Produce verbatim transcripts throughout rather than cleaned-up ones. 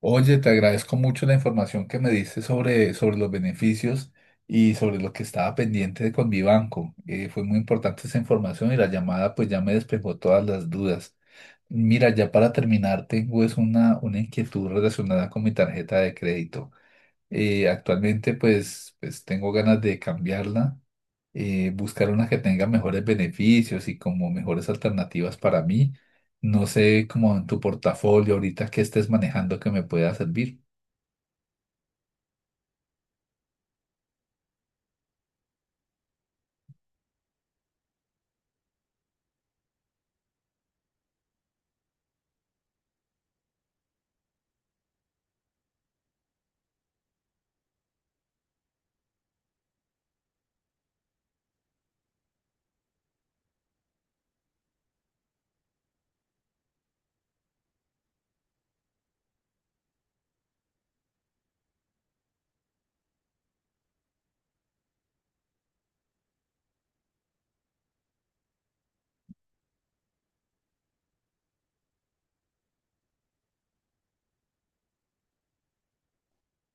Oye, te agradezco mucho la información que me diste sobre, sobre los beneficios y sobre lo que estaba pendiente de- con mi banco. Eh, fue muy importante esa información y la llamada pues ya me despejó todas las dudas. Mira, ya para terminar, tengo es una, una inquietud relacionada con mi tarjeta de crédito. Eh, actualmente pues, pues tengo ganas de cambiarla, eh, buscar una que tenga mejores beneficios y como mejores alternativas para mí. No sé, como en tu portafolio ahorita que estés manejando que me pueda servir.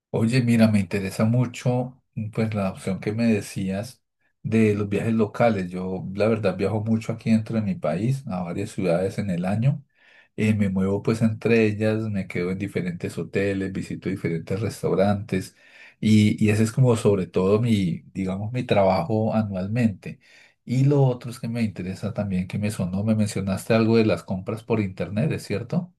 Oye, mira, me interesa mucho, mm, pues la opción que me decías de los viajes locales. Yo la verdad viajo mucho aquí dentro de mi país, a varias ciudades en el año. Eh, me muevo pues entre ellas, me quedo en diferentes hoteles, visito diferentes restaurantes y, y ese es como sobre todo mi, digamos, mi trabajo anualmente. Y lo otro es que me interesa también, que me sonó, me mencionaste algo de las compras por internet, ¿es cierto?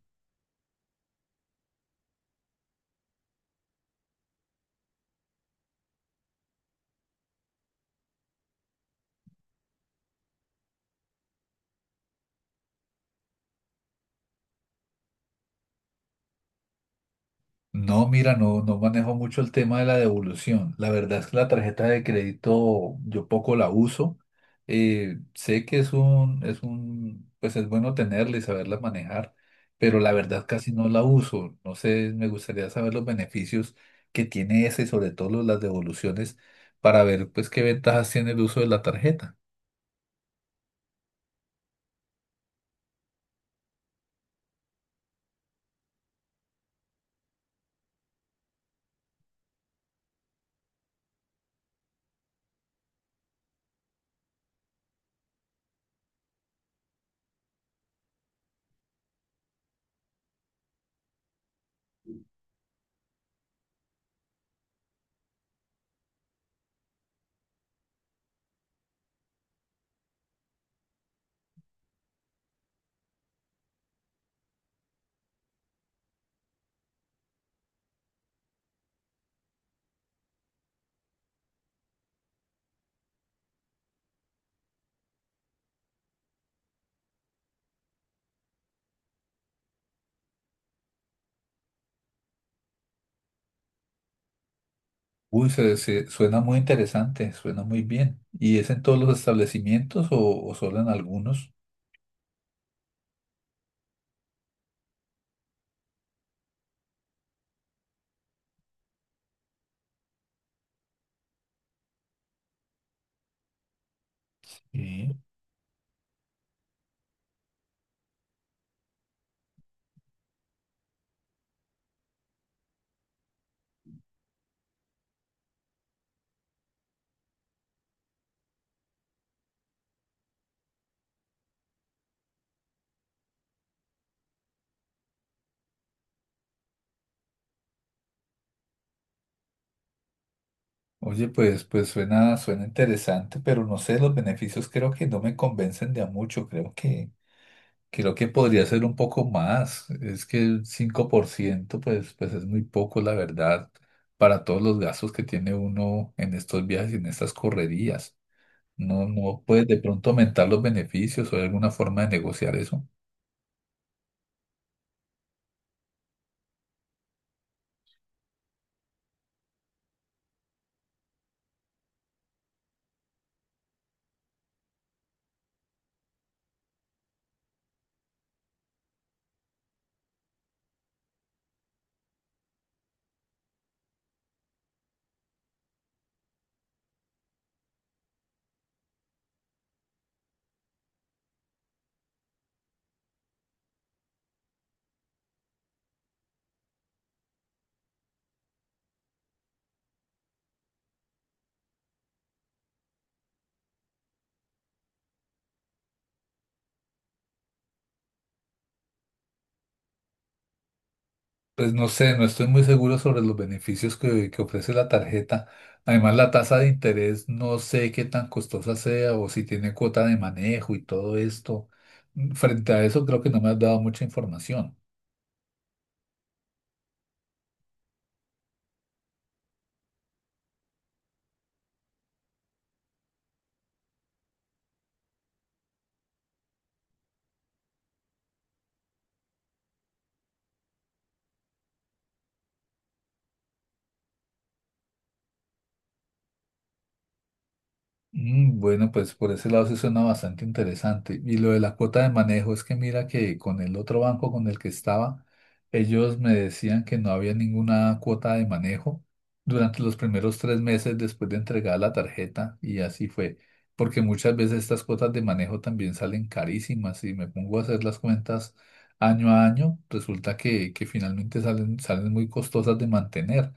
No, mira, no, no manejo mucho el tema de la devolución. La verdad es que la tarjeta de crédito yo poco la uso. Eh, sé que es un, es un, pues es bueno tenerla y saberla manejar, pero la verdad casi no la uso. No sé, me gustaría saber los beneficios que tiene esa y sobre todo lo- las devoluciones para ver pues qué ventajas tiene el uso de la tarjeta. Uy, se, se- suena muy interesante, suena muy bien. ¿Y es en todos los establecimientos o, o solo en algunos? Sí. Oye, pues, pues suena, suena interesante, pero no sé, los beneficios creo que no me convencen de a mucho. Creo que, creo que podría ser un poco más. Es que el cinco por ciento, pues, pues es muy poco, la verdad, para todos los gastos que tiene uno en estos viajes y en estas correrías. No, no puedes de pronto aumentar los beneficios o hay alguna forma de negociar eso. Pues no sé, no estoy muy seguro sobre los beneficios que, que ofrece la tarjeta. Además, la tasa de interés no sé qué tan costosa sea o si tiene cuota de manejo y todo esto. Mm, Frente a eso, creo que no me has dado mucha información. Mm, Bueno, pues por ese lado se suena bastante interesante. Y lo de la cuota de manejo es que mira que con el otro banco con el que estaba, ellos me decían que no había ninguna cuota de manejo durante los primeros tres meses después de entregar la tarjeta y así fue. Porque muchas veces estas cuotas de manejo también salen carísimas y me pongo a hacer las cuentas año a año, resulta que, que finalmente salen, salen muy costosas de mantener.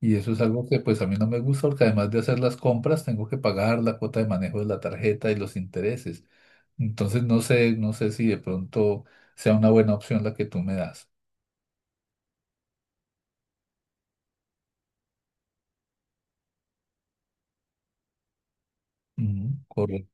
Y eso es algo que pues a mí no me gusta porque además de hacer las compras tengo que pagar la cuota de manejo de la tarjeta y los intereses. Entonces no sé, no sé si de pronto sea una buena opción la que tú me das. Ujú, corre-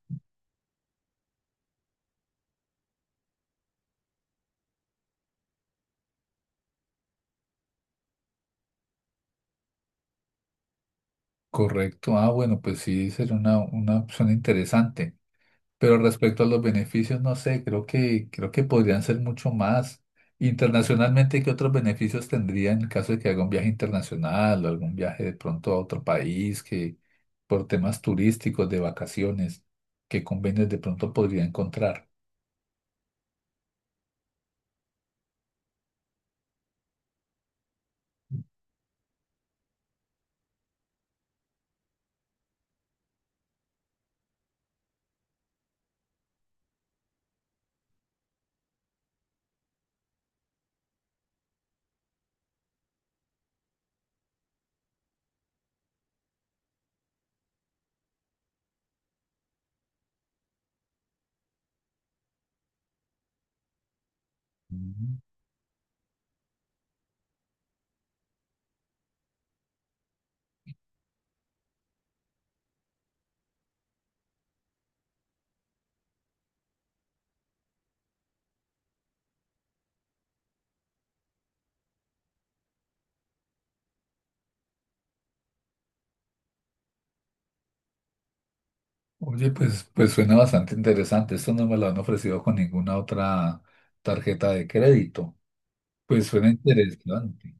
correcto. Ah, bueno, pues sí, sería una, una opción interesante. Pero respecto a los beneficios, no sé, creo que, creo que podrían ser mucho más. Internacionalmente, ¿qué otros beneficios tendría en el caso de que haga un viaje internacional o algún viaje de pronto a otro país que por temas turísticos, de vacaciones, qué convenios de pronto podría encontrar? Mm. Oye, pues, pues suena bastante interesante. Esto no me lo han ofrecido con ninguna otra tarjeta de crédito. Pues suena interesante.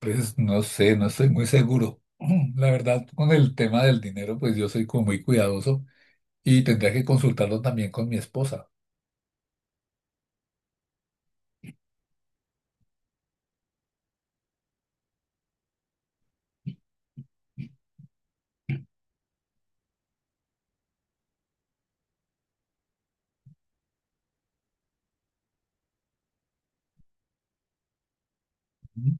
Pues no sé, no estoy muy seguro. La verdad, con el tema del dinero, pues yo soy como muy cuidadoso y tendría que consultarlo también con mi esposa. Ujú.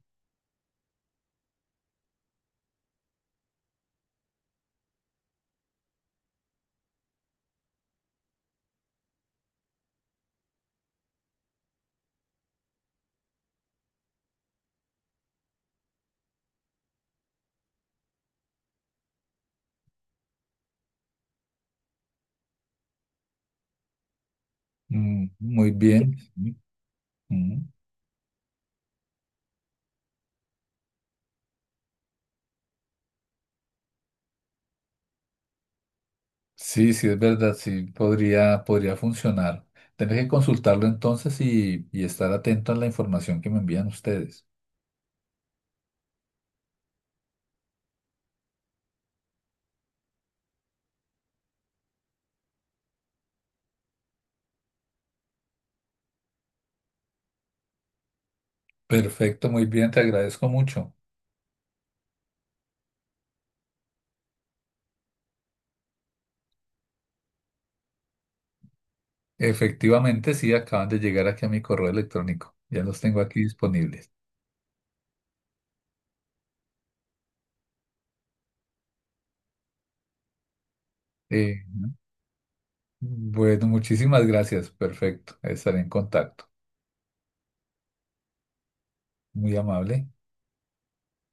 Mm, muy bien. Ujú. Sí, sí, es verdad, sí, podría, podría funcionar. Tendré que consultarlo entonces y, y estar atento a la información que me envían ustedes. Perfecto, muy bien, te agradezco mucho. Efectivamente, sí, acaban de llegar aquí a mi correo electrónico. Ya los tengo aquí disponibles. Eh, bueno, muchísimas gracias. Perfecto, estaré en contacto. Muy amable.